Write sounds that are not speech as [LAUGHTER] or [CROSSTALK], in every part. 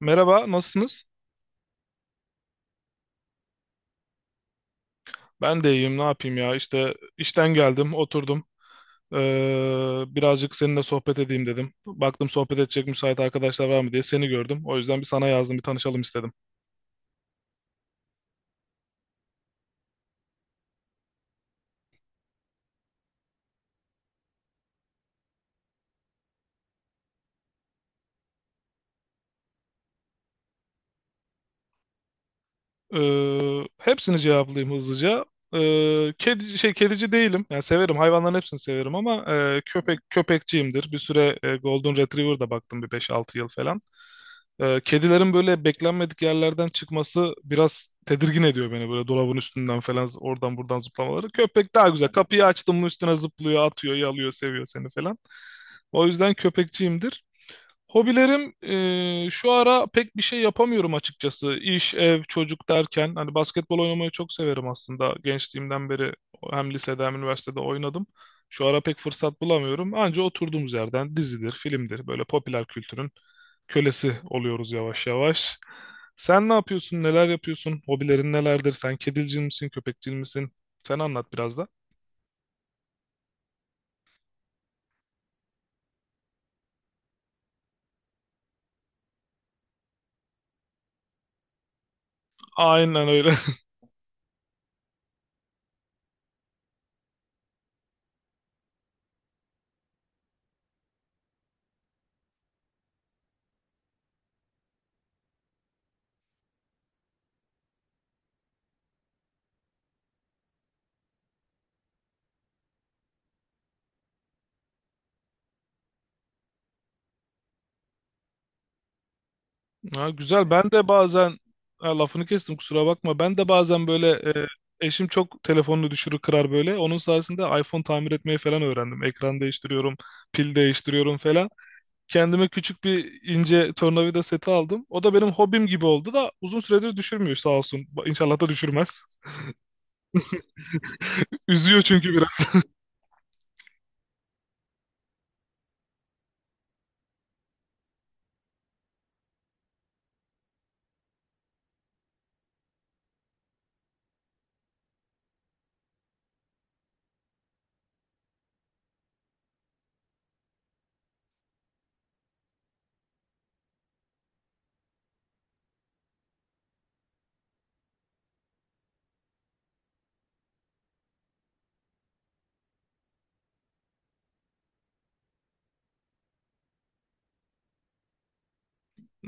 Merhaba, nasılsınız? Ben de iyiyim, ne yapayım ya? İşte işten geldim, oturdum. Birazcık seninle sohbet edeyim dedim. Baktım sohbet edecek müsait arkadaşlar var mı diye seni gördüm. O yüzden bir sana yazdım, bir tanışalım istedim. Hepsini cevaplayayım hızlıca. Kedici değilim. Yani severim. Hayvanların hepsini severim ama köpek köpekçiyimdir. Bir süre Golden Retriever'da baktım bir 5-6 yıl falan. Kedilerin böyle beklenmedik yerlerden çıkması biraz tedirgin ediyor beni. Böyle dolabın üstünden falan oradan buradan zıplamaları. Köpek daha güzel. Kapıyı açtım mı üstüne zıplıyor, atıyor, yalıyor, seviyor seni falan. O yüzden köpekçiyimdir. Hobilerim şu ara pek bir şey yapamıyorum açıkçası. İş, ev, çocuk derken hani basketbol oynamayı çok severim aslında. Gençliğimden beri hem lisede hem üniversitede oynadım. Şu ara pek fırsat bulamıyorum. Anca oturduğumuz yerden dizidir, filmdir böyle popüler kültürün kölesi oluyoruz yavaş yavaş. Sen ne yapıyorsun? Neler yapıyorsun? Hobilerin nelerdir? Sen kedilcil misin, köpekçil misin? Sen anlat biraz da. Aynen öyle. [LAUGHS] Ha, güzel. Ben de bazen ha, lafını kestim, kusura bakma. Ben de bazen böyle eşim çok telefonunu düşürür kırar böyle. Onun sayesinde iPhone tamir etmeyi falan öğrendim. Ekran değiştiriyorum, pil değiştiriyorum falan. Kendime küçük bir ince tornavida seti aldım. O da benim hobim gibi oldu da uzun süredir düşürmüyor sağ olsun. İnşallah da düşürmez. [LAUGHS] Üzüyor çünkü biraz. [LAUGHS]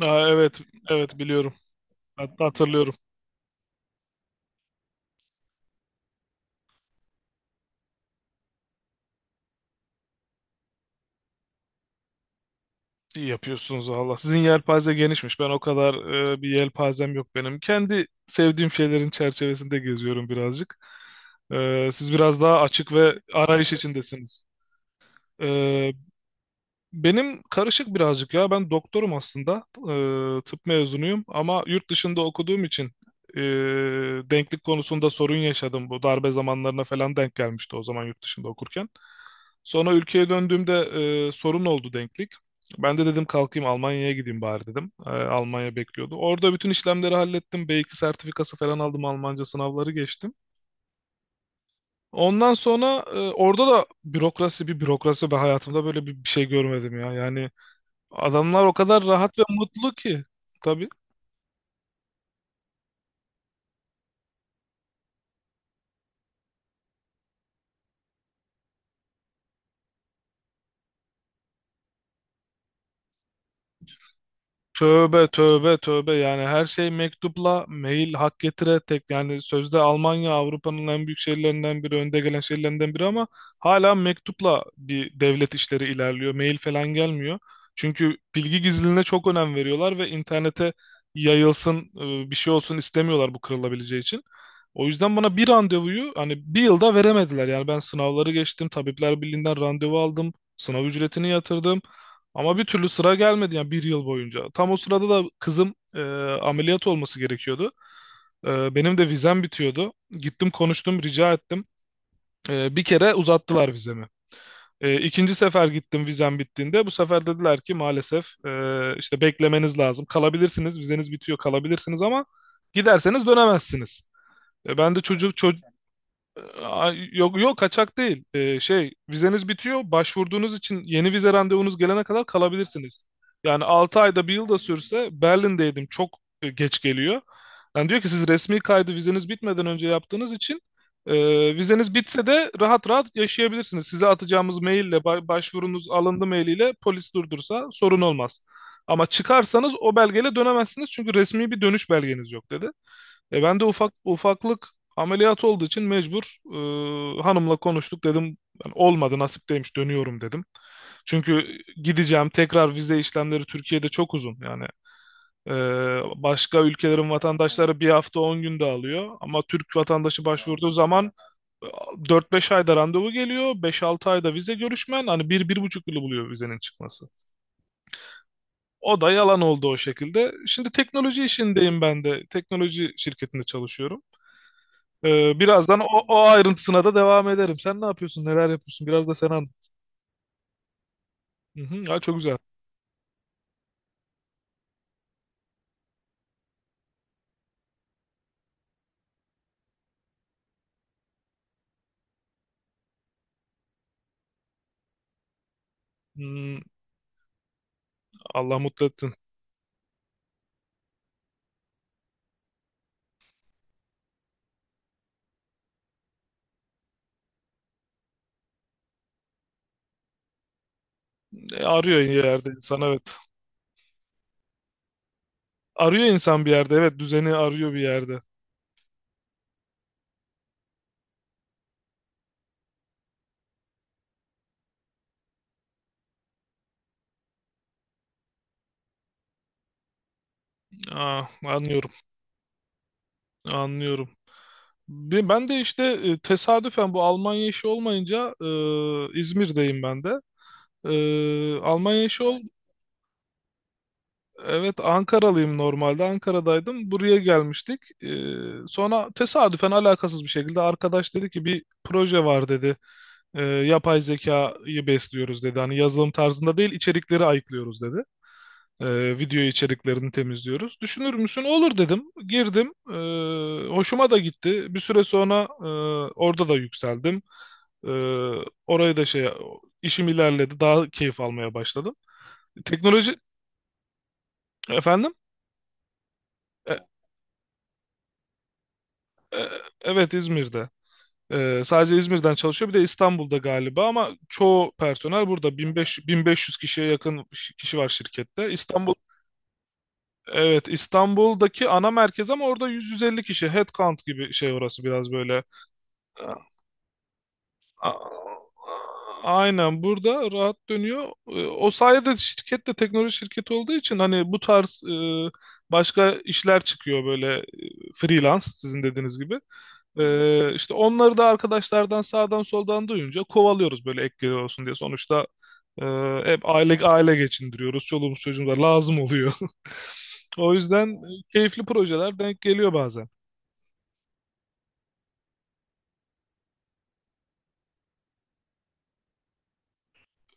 Ha, evet, evet biliyorum. Hatta hatırlıyorum. İyi yapıyorsunuz, Allah. Sizin yelpaze genişmiş. Ben o kadar bir yelpazem yok benim. Kendi sevdiğim şeylerin çerçevesinde geziyorum birazcık. Siz biraz daha açık ve arayış içindesiniz. E, benim karışık birazcık ya. Ben doktorum aslında. Tıp mezunuyum ama yurt dışında okuduğum için ee, denklik konusunda sorun yaşadım. Bu darbe zamanlarına falan denk gelmişti o zaman, yurt dışında okurken. Sonra ülkeye döndüğümde sorun oldu denklik. Ben de dedim kalkayım Almanya'ya gideyim bari dedim. Almanya bekliyordu. Orada bütün işlemleri hallettim. B2 sertifikası falan aldım. Almanca sınavları geçtim. Ondan sonra orada da bürokrasi bir bürokrasi ve hayatımda böyle bir şey görmedim ya. Yani adamlar o kadar rahat ve mutlu ki. Tabii. Tövbe tövbe tövbe, yani her şey mektupla, mail hak getire tek. Yani sözde Almanya Avrupa'nın en büyük şehirlerinden biri, önde gelen şehirlerinden biri ama hala mektupla bir devlet işleri ilerliyor, mail falan gelmiyor. Çünkü bilgi gizliliğine çok önem veriyorlar ve internete yayılsın bir şey olsun istemiyorlar, bu kırılabileceği için. O yüzden bana bir randevuyu hani bir yılda veremediler yani. Ben sınavları geçtim, Tabipler Birliği'nden randevu aldım, sınav ücretini yatırdım. Ama bir türlü sıra gelmedi yani, bir yıl boyunca. Tam o sırada da kızım ameliyat olması gerekiyordu. Benim de vizem bitiyordu. Gittim, konuştum, rica ettim. Bir kere uzattılar vizemi. E, ikinci sefer gittim vizem bittiğinde. Bu sefer dediler ki, maalesef işte beklemeniz lazım. Kalabilirsiniz, vizeniz bitiyor, kalabilirsiniz ama giderseniz dönemezsiniz. Ben de çocuk. Aa, yok yok, kaçak değil. Şey, vizeniz bitiyor. Başvurduğunuz için yeni vize randevunuz gelene kadar kalabilirsiniz. Yani 6 ayda bir yıl da sürse Berlin'deydim, çok geç geliyor. Yani diyor ki, siz resmi kaydı vizeniz bitmeden önce yaptığınız için vizeniz bitse de rahat rahat yaşayabilirsiniz. Size atacağımız maille, başvurunuz alındı mailiyle polis durdursa sorun olmaz. Ama çıkarsanız o belgeyle dönemezsiniz çünkü resmi bir dönüş belgeniz yok dedi. Ben de ufak ufaklık ameliyat olduğu için mecbur, hanımla konuştuk dedim. Yani olmadı, nasip değilmiş, dönüyorum dedim. Çünkü gideceğim, tekrar vize işlemleri Türkiye'de çok uzun. Yani e, başka ülkelerin vatandaşları bir hafta 10 günde alıyor. Ama Türk vatandaşı başvurduğu zaman e, 4-5 ayda randevu geliyor. 5-6 ayda vize görüşmen, hani bir bir buçuk yılı buluyor vizenin çıkması. O da yalan oldu o şekilde. Şimdi teknoloji işindeyim ben de. Teknoloji şirketinde çalışıyorum. Birazdan o ayrıntısına da devam ederim. Sen ne yapıyorsun? Neler yapıyorsun? Biraz da sen an. Hı hı, ya çok güzel. Hmm, Allah mutlu etsin. Arıyor bir yerde insan, evet. Arıyor insan bir yerde, evet, düzeni arıyor bir yerde. Aa, anlıyorum, anlıyorum. Ben de işte tesadüfen bu Almanya işi olmayınca İzmir'deyim ben de. Almanya işi. Evet, Ankaralıyım normalde. Ankara'daydım. Buraya gelmiştik. Sonra tesadüfen alakasız bir şekilde arkadaş dedi ki bir proje var dedi. Yapay zekayı besliyoruz dedi. Hani yazılım tarzında değil, içerikleri ayıklıyoruz dedi. Video içeriklerini temizliyoruz. Düşünür müsün? Olur dedim, girdim. Hoşuma da gitti. Bir süre sonra orada da yükseldim. Ee, orayı da şey, işim ilerledi. Daha keyif almaya başladım. Teknoloji. Efendim? E, E, Evet, İzmir'de. Sadece İzmir'den çalışıyor. Bir de İstanbul'da galiba ama çoğu personel burada. 1500, 1500 kişiye yakın kişi var şirkette. İstanbul. Evet, İstanbul'daki ana merkez ama orada 100-150 kişi. Headcount gibi şey orası, biraz böyle. A- Aynen, burada rahat dönüyor. O sayede şirket de teknoloji şirketi olduğu için, hani bu tarz başka işler çıkıyor, böyle freelance sizin dediğiniz gibi. E, işte onları da arkadaşlardan sağdan soldan duyunca kovalıyoruz böyle, ek gelir olsun diye. Sonuçta e, hep aile aile geçindiriyoruz. Çoluğumuz çocuğumuz var, lazım oluyor. [LAUGHS] O yüzden keyifli projeler denk geliyor bazen.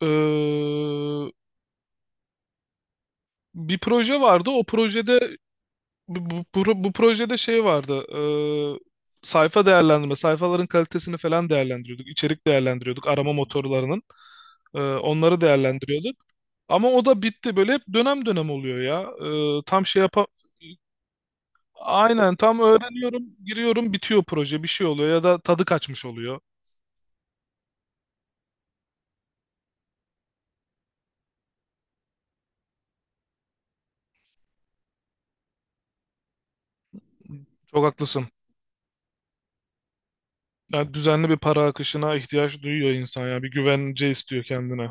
E, bir proje vardı. O projede, bu projede şey vardı. Sayfa değerlendirme, sayfaların kalitesini falan değerlendiriyorduk, içerik değerlendiriyorduk. Arama motorlarının. Onları değerlendiriyorduk. Ama o da bitti. Böyle hep dönem dönem oluyor ya. Tam şey yapa. Aynen, tam öğreniyorum, giriyorum, bitiyor proje. Bir şey oluyor ya da tadı kaçmış oluyor. Çok haklısın. Yani düzenli bir para akışına ihtiyaç duyuyor insan ya. Bir güvence istiyor kendine.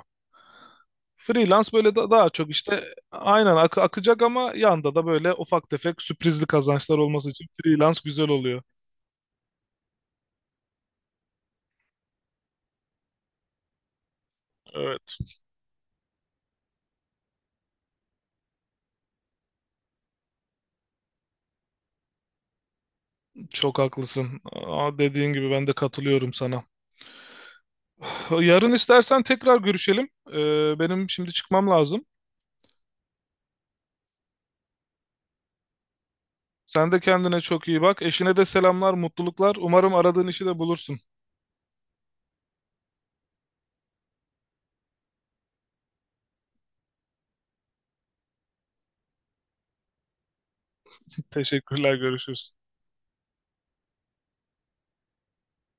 Freelance böyle daha çok işte aynen akacak ama yanda da böyle ufak tefek sürprizli kazançlar olması için freelance güzel oluyor. Evet, çok haklısın. Aa, dediğin gibi, ben de katılıyorum sana. Yarın istersen tekrar görüşelim. Benim şimdi çıkmam lazım. Sen de kendine çok iyi bak. Eşine de selamlar, mutluluklar. Umarım aradığın işi de bulursun. [LAUGHS] Teşekkürler, görüşürüz.